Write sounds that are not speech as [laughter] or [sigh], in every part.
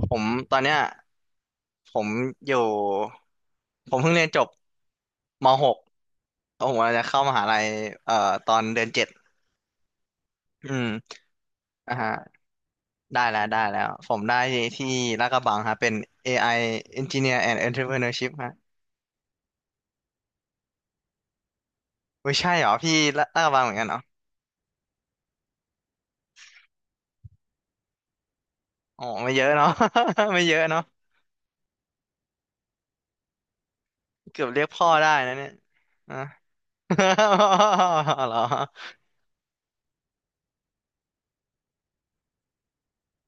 ผมตอนเนี้ยผมอยู่ผมเพิ่งเรียนจบม .6 แล้วผมกำลังจะเข้ามหาลัยเอ่อตอนเดือนเจ็ดอืมอ่าฮะได้แล้วได้แล้วผมได้ที่ลาดกระบังฮะเป็น AI Engineer and Entrepreneurship ฮะไม่ใช่เหรอพี่ลาดกระบังเหมือนกันเหรออ๋อไม่เยอะเนาะ [laughs] ไม่เยอะเนาะเกือบเรียกพ่อได้นะเนี่ยอ่ะ [laughs] เหรอ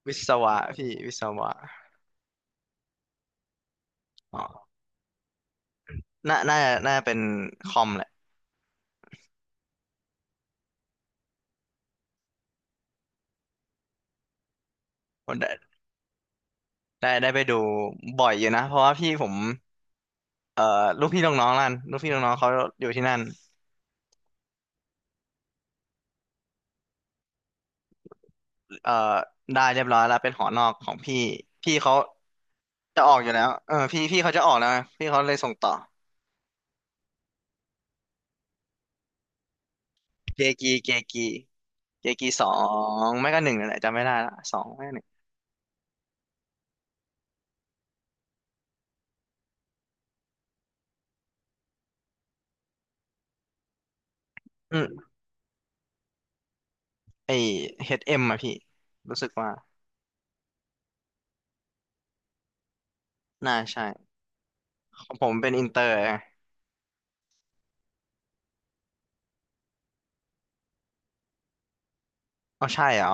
วิศวะพี่วิศวะอ๋อน่าจะเป็นคอมแหละ ได้ได้ไปดูบ่อยอยู่นะเพราะว่าพี่ผมเอ่อลูกพี่ลูกน้องนั่นลูกพี่ลูกน้องเขาอยู่ที่นั่นเอ่อได้เรียบร้อยแล้วเป็นหอนอกของพี่พี่เขาจะออกอยู่แล้วเออพี่เขาจะออกแล้วไงพี่เขาเลยส่งต่อเกกีเกกีสองไม่ก็หนึ่งนั่นแหละจำไม่ได้ละสองไม่ก็หนึ่งอืมไอเฮดเอ็มอะพี่รู้สึกว่าน่าใช่ของผมเป็นอินเตอร์ไงอ๋อใช่เหรอ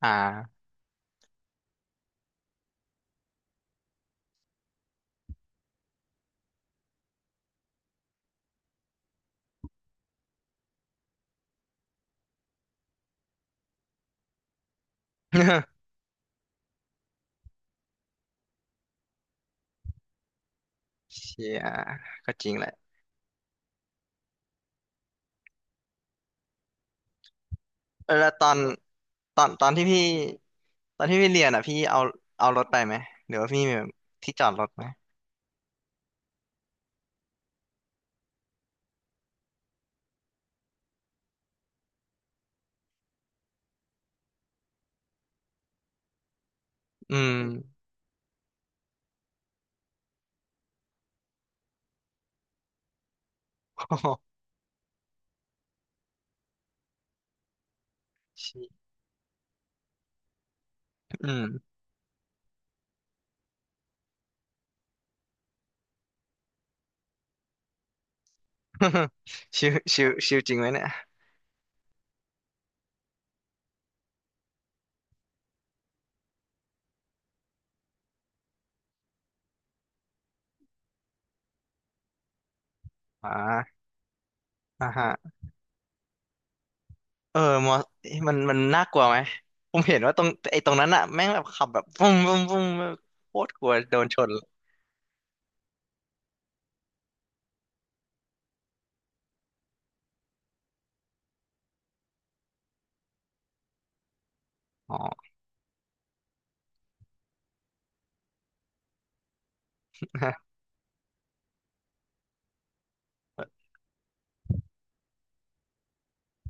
อ่า [laughs] เชียก็จริงแหละ เออแล้วตอนที่พี่ตอนที่พี่เรียนอ่ะพี่เอารถไปไหมหรือว่าพี่มีแบบที่จอดรถไหมอืม [laughs] โอ้โหชิอืม [laughs] ชิวชิวชิวจริงไหมเนี่ยอ่าอ่าฮะเออมอมันมันน่ากลัวไหมผมเห็นว่าตรงไอ้ตรงนั้นอ่ะแม่งแบบขับแบบปุ้มปุ้มปุ้มแบบโคตรกลัวโดนชนอ๋อ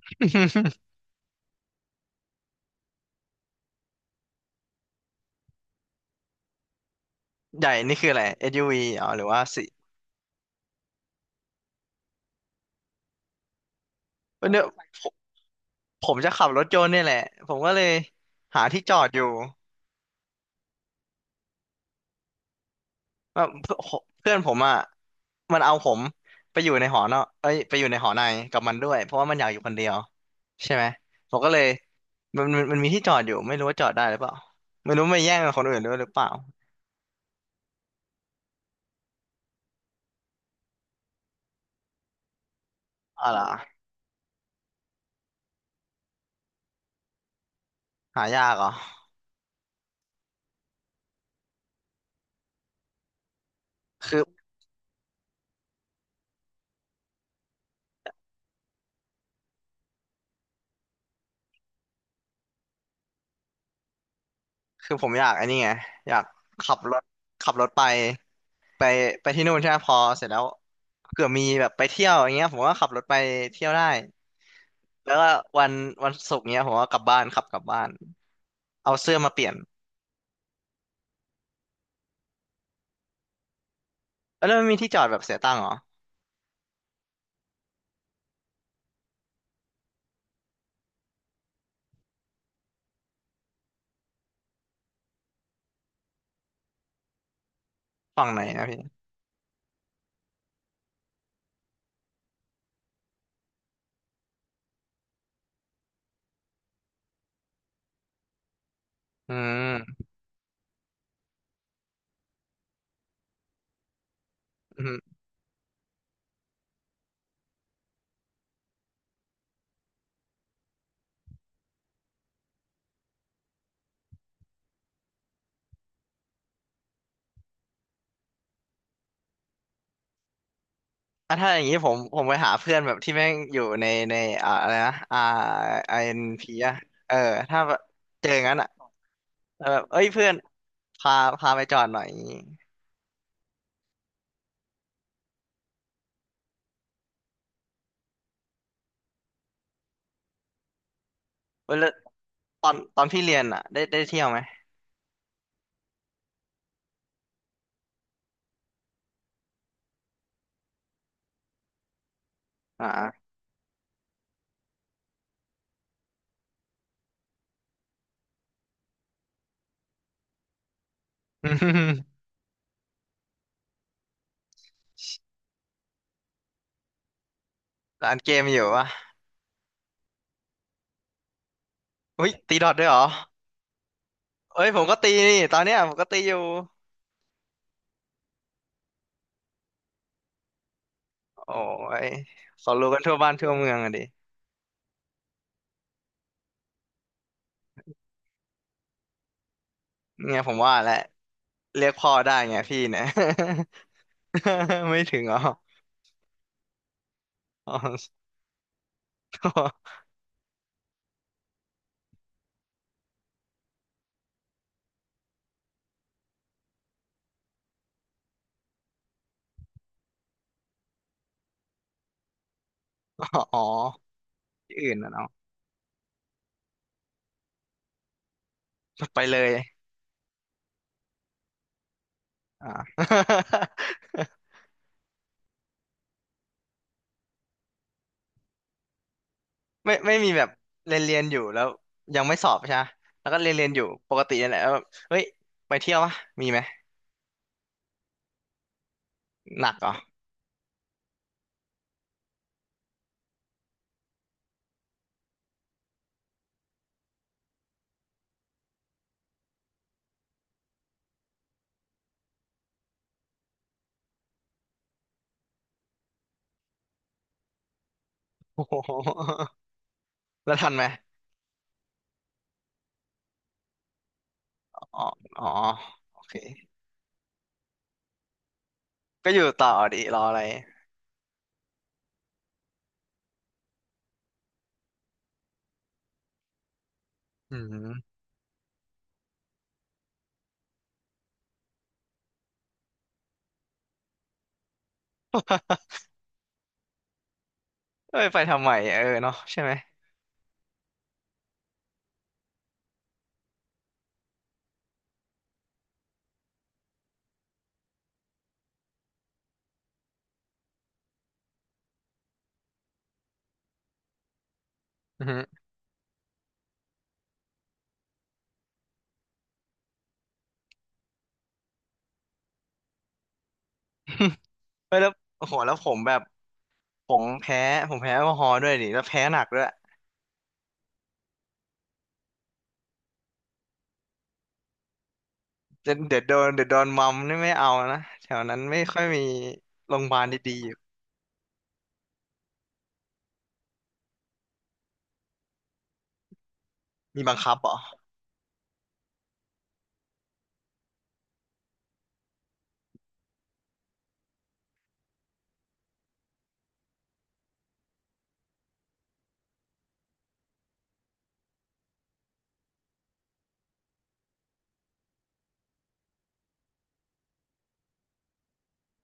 [laughs] ใหญ่นี่คืออะไรเอสยูวีอ๋อหรือว่าสิเนี่ยผมผมจะขับรถยนต์เนี่ยแหละผมก็เลยหาที่จอดอยู่ ว่า [laughs] เพื่อนเพื่อนผมอ่ะมันเอาผมไปอยู่ในหอนอกเอ้ยไปอยู่ในหอในกับมันด้วยเพราะว่ามันอยากอยู่คนเดียวใช่ไหมผมก็เลยมันมีที่จอดอยู่ไม่รู้ว่าจอดได้หรือเปล่าไม่รู้ไปแย่งกับคนอื่นด้วยหรือเปล่าอะไรอหายากเหรอคือคือผมอยากไอ้นี่ไงอยากขับรถขับรถไปไปที่นู่นใช่ไหมพอเสร็จแล้วเผื่อมีแบบไปเที่ยวอย่างเงี้ยผมก็ขับรถไปเที่ยวได้แล้วก็วันวันศุกร์เงี้ยผมก็กลับบ้านขับกลับบ้านเอาเสื้อมาเปลี่ยน เอ้ยแล้วมันมีที่จอดแบบเสียตังค์เหรอฝั่งไหนนะพี่อืมอืมอ่ะถ้าอย่างนี้ผมไปหาเพื่อนแบบที่แม่งอยู่ในอ่าอะไรนะอ่าไอเอ็นพีอะเออถ้าแบบเจองั้นอะแล้วแบบเอ้ยเพื่อนพาไปจอดหน่อยอย่างงี้เว้ยแล้วตอนพี่เรียนอะได้เที่ยวไหมอ่า [laughs] ร้านเกมอยู่วะอุ้ยตีดอทด้วยเหรอเอ้ยผมก็ตีนี่ตอนเนี้ยผมก็ตีอยู่ โอ้ยเขารู้กันทั่วบ้านทั่วเมืองอะดิเนี่ยผมว่าแหละเรียกพ่อได้ไงพี่เนี่ย [laughs] ไม่ถึงเหรออ๋อ [laughs] อ๋อที่อื่นนะเนาะไปเลยอ่า [laughs] ไม่มีแบบเรียนอยู่แล้วยังไม่สอบใช่ไหมแล้วก็เรียนอยู่ปกตินั่นแหละแล้วแบบเฮ้ยไปเที่ยววะมีไหมหนักเหรอโอ้โห [laughs] แล้วทันไหมอ๋ออ๋อโอเคก็อยู่ต่อดิรออะไรอืมเอ้ยไปทำไมเออเนาะใช่ไหมอือฮึ [laughs] เอ้ยแล้วโอ้โหแล้วผมแบบผมแพ้ผมแพ้แอลกอฮอล์ด้วยดิแล้วแพ้หนักด้วย เดี๋ยวเดี๋ยวโดนเดี๋ยวโดนมัมนี่ไม่เอานะแถวนั้นไม่ค่อยมีโรงพยาบาลดีๆอยู่มีบังคับเหรอ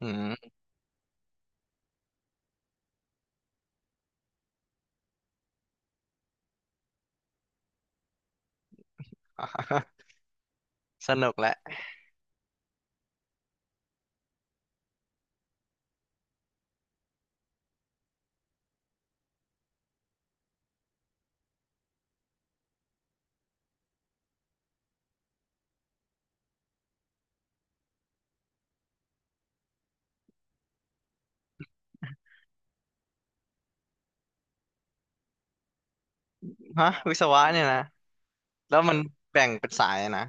อืม [laughs] สนุกแหละฮะวิศวะเนี่ยนะแล้วมันแบ่งเป็นสายนะ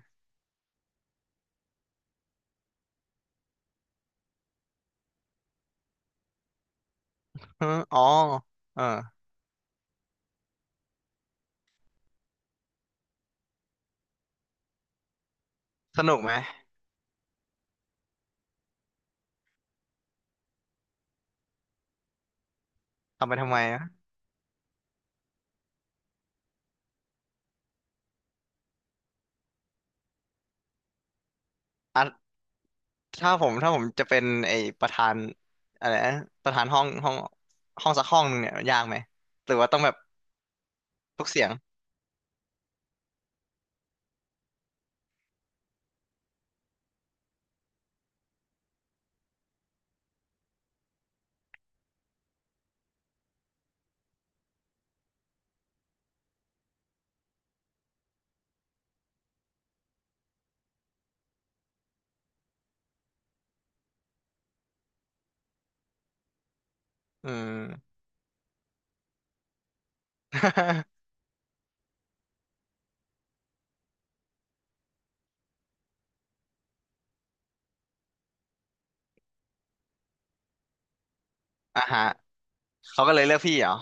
ฮะอ๋อเออสนุกไหมทำไปทำไมอะอ่ะถ้าผมจะเป็นไอ้ประธานอะไรนะประธานห้องสักห้องหนึ่งเนี่ยยากไหมหรือว่าต้องแบบทุกเสียงอืม [laughs] อ่ะฮะเขาก็เลยเลือกพี่เหรอ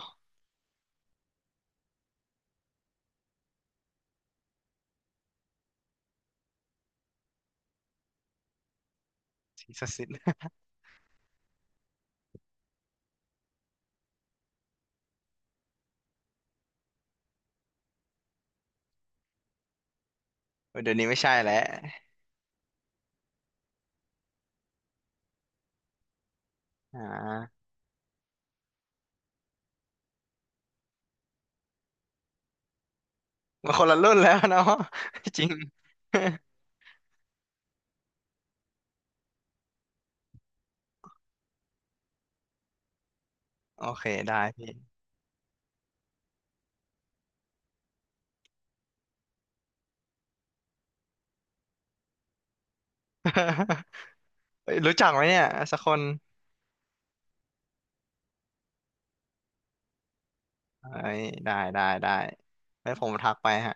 ทีสสิทธิ์เดี๋ยวนี้ไม่ใช่แล้วอ่า มันคนละรุ่นแล้วเนาะ [laughs] จริง [laughs] โอเคได้พี่ [laughs] เอ้ยรู้จักไหมเนี่ยสักคนเอ้ยได้ไว้ผมทักไปฮะ